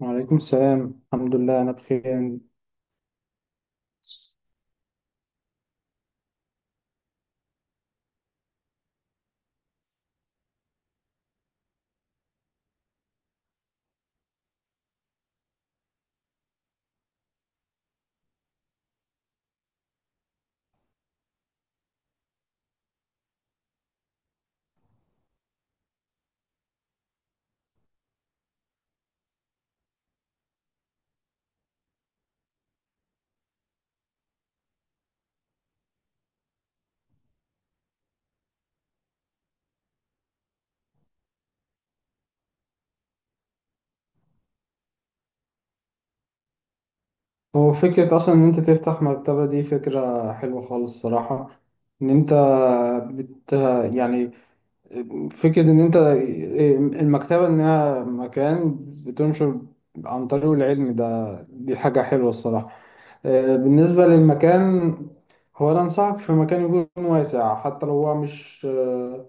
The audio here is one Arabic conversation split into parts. وعليكم السلام، الحمد لله أنا بخير. هو فكرة أصلا إن أنت تفتح مكتبة دي فكرة حلوة خالص الصراحة. إن أنت بت يعني فكرة إن أنت المكتبة إنها مكان بتنشر عن طريق العلم، ده دي حاجة حلوة الصراحة. بالنسبة للمكان، هو أنا أنصحك في مكان يكون واسع، حتى لو هو مش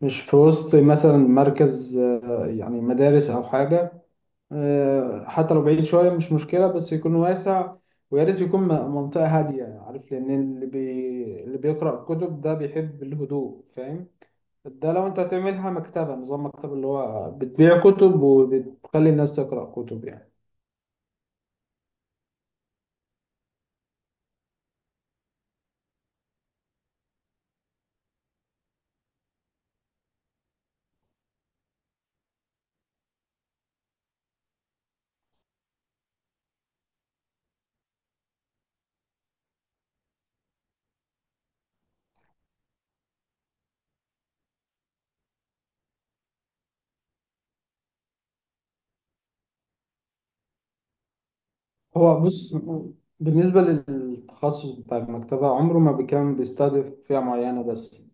مش في وسط مثلا مركز يعني مدارس أو حاجة. حتى لو بعيد شوية مش مشكلة بس يكون واسع. ويا ريت يكون منطقة هادية، عارف، لأن اللي بيقرأ كتب ده بيحب الهدوء، فاهم؟ ده لو أنت هتعملها مكتبة، نظام مكتبة اللي هو بتبيع كتب وبتخلي الناس تقرأ كتب يعني. هو بص، بالنسبة للتخصص بتاع المكتبة، عمره ما كان بيستهدف فئة معينة بس.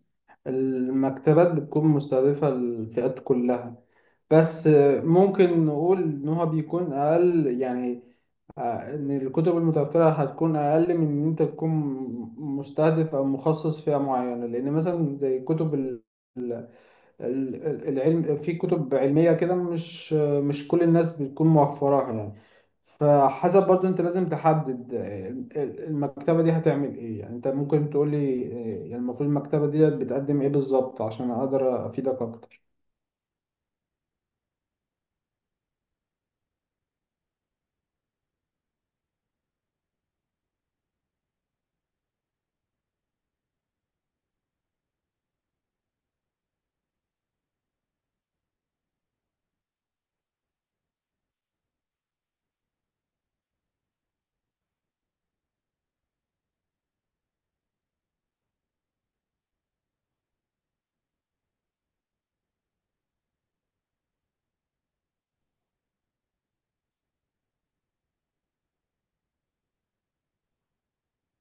المكتبات بتكون مستهدفة الفئات كلها. بس ممكن نقول إن هو بيكون أقل يعني، إن الكتب المتوفرة هتكون أقل من إن أنت تكون مستهدف أو مخصص فئة معينة، لأن مثلا زي كتب العلم، في كتب علمية كده مش كل الناس بتكون موفراها يعني. فحسب برضو أنت لازم تحدد المكتبة دي هتعمل إيه، يعني أنت ممكن تقولي إيه، يعني المفروض المكتبة دي بتقدم إيه بالظبط عشان أقدر أفيدك أكتر.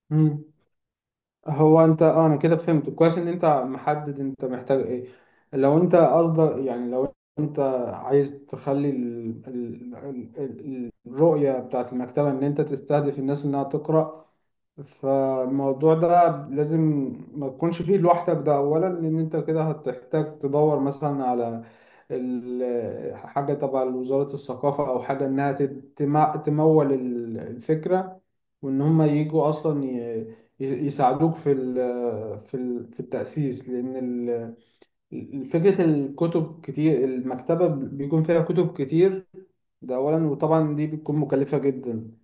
مم. هو انت انا كده فهمت كويس ان انت محدد انت محتاج ايه. لو انت قصدك، يعني لو انت عايز تخلي الرؤية بتاعت المكتبة ان انت تستهدف الناس انها تقرأ، فالموضوع ده لازم ما تكونش فيه لوحدك. ده اولا، لان انت كده هتحتاج تدور مثلا على حاجة تبع وزارة الثقافة او حاجة انها تمول الفكرة، وان هم يجوا اصلا يساعدوك في التأسيس، لان فكرة الكتب كتير، المكتبة بيكون فيها كتب كتير. ده اولا، وطبعا دي بتكون مكلفة جدا.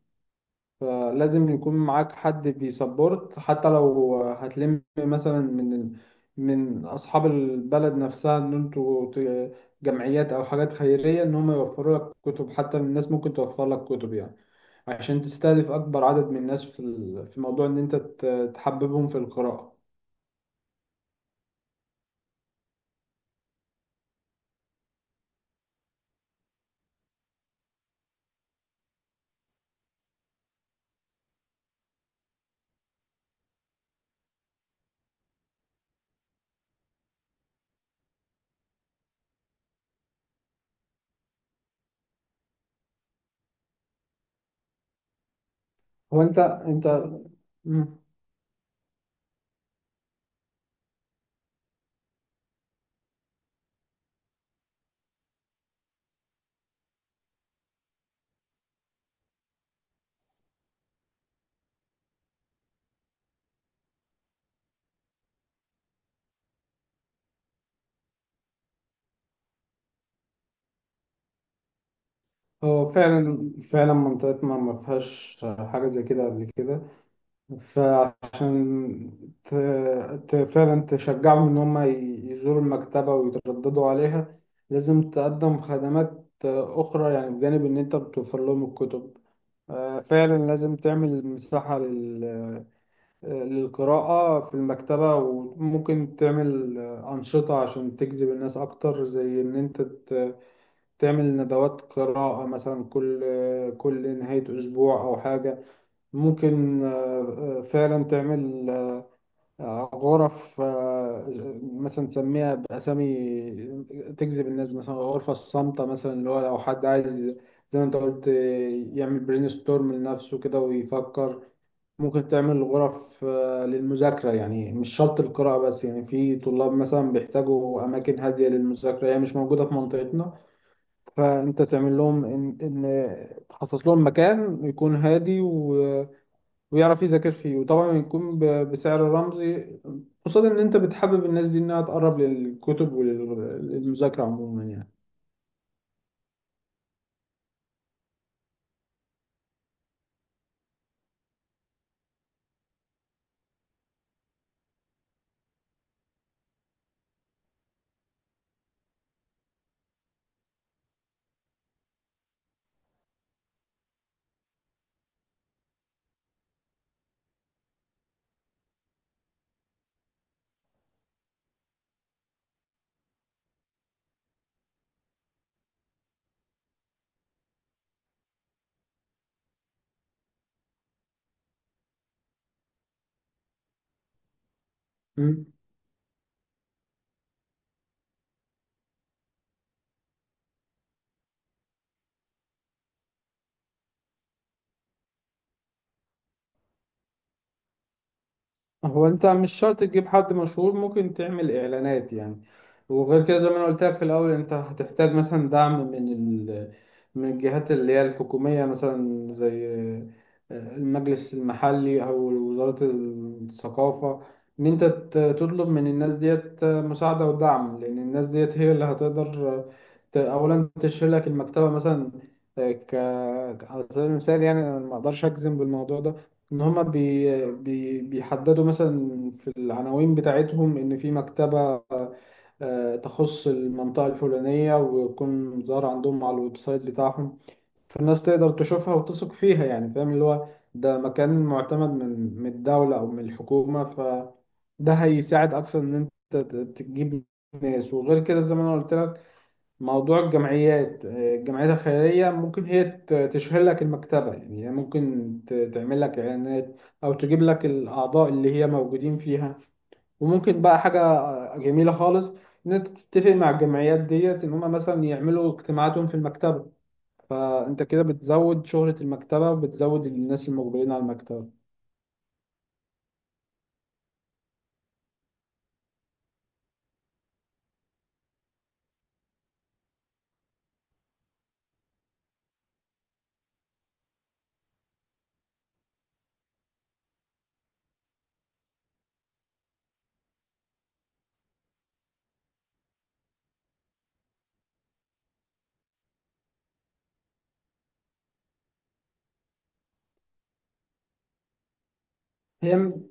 فلازم يكون معاك حد بيسبورت، حتى لو هتلم مثلا من أصحاب البلد نفسها، إن أنتوا جمعيات أو حاجات خيرية، إن هم يوفروا لك كتب، حتى الناس ممكن توفر لك كتب يعني، عشان تستهدف أكبر عدد من الناس في موضوع إن أنت تحببهم في القراءة. هو انت انت مم. هو فعلا فعلا منطقتنا ما فيهاش حاجة زي كده قبل كده. فعشان ت... فعلا تشجعهم إن هم يزوروا المكتبة ويترددوا عليها، لازم تقدم خدمات أخرى يعني بجانب إن أنت بتوفر لهم الكتب. فعلا لازم تعمل مساحة للقراءة في المكتبة، وممكن تعمل أنشطة عشان تجذب الناس أكتر، زي إن أنت تعمل ندوات قراءة مثلا كل نهاية أسبوع أو حاجة. ممكن فعلا تعمل غرف، مثلا تسميها بأسامي تجذب الناس، مثلا غرفة الصامتة مثلا، اللي هو لو حد عايز، زي ما انت قلت، يعمل برين ستورم لنفسه كده ويفكر. ممكن تعمل غرف للمذاكرة، يعني مش شرط القراءة بس، يعني في طلاب مثلا بيحتاجوا أماكن هادية للمذاكرة، هي مش موجودة في منطقتنا. فأنت تعمل لهم إن تخصص لهم مكان يكون هادي ويعرف يذاكر فيه، وطبعا يكون بسعر رمزي، قصاد ان انت بتحبب الناس دي انها تقرب للكتب وللمذاكرة عموما يعني. هو انت مش شرط تجيب حد مشهور، ممكن تعمل اعلانات يعني. وغير كده زي ما انا قلت لك في الاول، انت هتحتاج مثلا دعم من ال... من الجهات اللي هي الحكومية، مثلا زي المجلس المحلي او وزارة الثقافة، ان انت تطلب من الناس ديت مساعدة ودعم، لان الناس ديت هي اللي هتقدر، اولا تشيل لك المكتبة مثلا، آه، ك على سبيل المثال. يعني انا ما اقدرش اجزم بالموضوع ده، ان هما بي بي بيحددوا مثلا في العناوين بتاعتهم ان في مكتبة تخص المنطقة الفلانية، ويكون ظاهر عندهم على الويب سايت بتاعهم، فالناس تقدر تشوفها وتثق فيها يعني، فاهم، اللي هو ده مكان معتمد من الدولة او من الحكومة، فده هيساعد اكثر ان انت تجيب ناس. وغير كده زي ما انا قلت لك موضوع الجمعيات، الجمعيات الخيرية ممكن هي تشهر لك المكتبة، يعني هي ممكن تعمل لك إعلانات، أو تجيب لك الأعضاء اللي هي موجودين فيها. وممكن بقى حاجة جميلة خالص، إن أنت تتفق مع الجمعيات ديت إن هما مثلا يعملوا اجتماعاتهم في المكتبة، فأنت كده بتزود شهرة المكتبة وبتزود الناس المقبلين على المكتبة. هي م-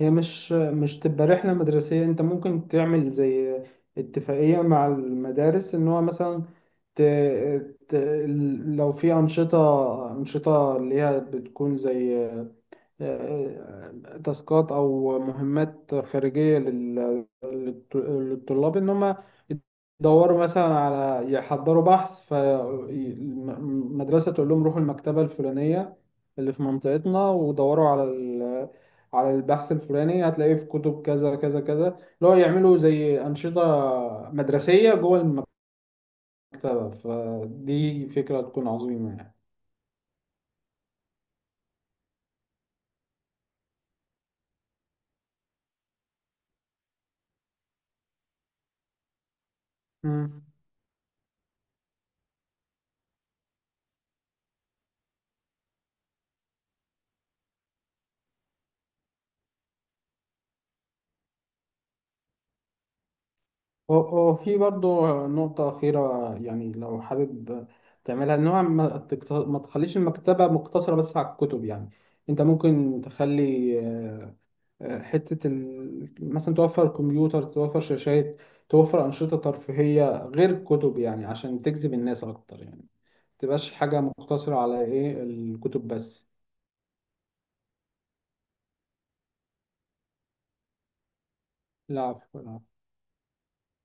هي مش تبقى رحلة مدرسية، انت ممكن تعمل زي اتفاقية مع المدارس، ان هو مثلا ت... ت... لو في أنشطة، اللي هي بتكون زي آه، تاسكات أو مهمات خارجية للطلاب، ان هم يدوروا مثلا على، يحضروا بحث، فالمدرسة تقول لهم روحوا المكتبة الفلانية اللي في منطقتنا ودوروا على البحث الفلاني، هتلاقيه في كتب كذا كذا كذا، اللي هو يعملوا زي أنشطة مدرسية جوه المكتبة، فدي فكرة تكون عظيمة يعني. مم. وفي برضه نقطة أخيرة يعني لو حابب تعملها، إن هو ما تخليش المكتبة مقتصرة بس على الكتب يعني. أنت ممكن تخلي حتة مثلا توفر كمبيوتر، توفر شاشات، توفر أنشطة ترفيهية غير الكتب يعني عشان تجذب الناس أكتر يعني، متبقاش حاجة مقتصرة على إيه الكتب بس. لا، عفوا.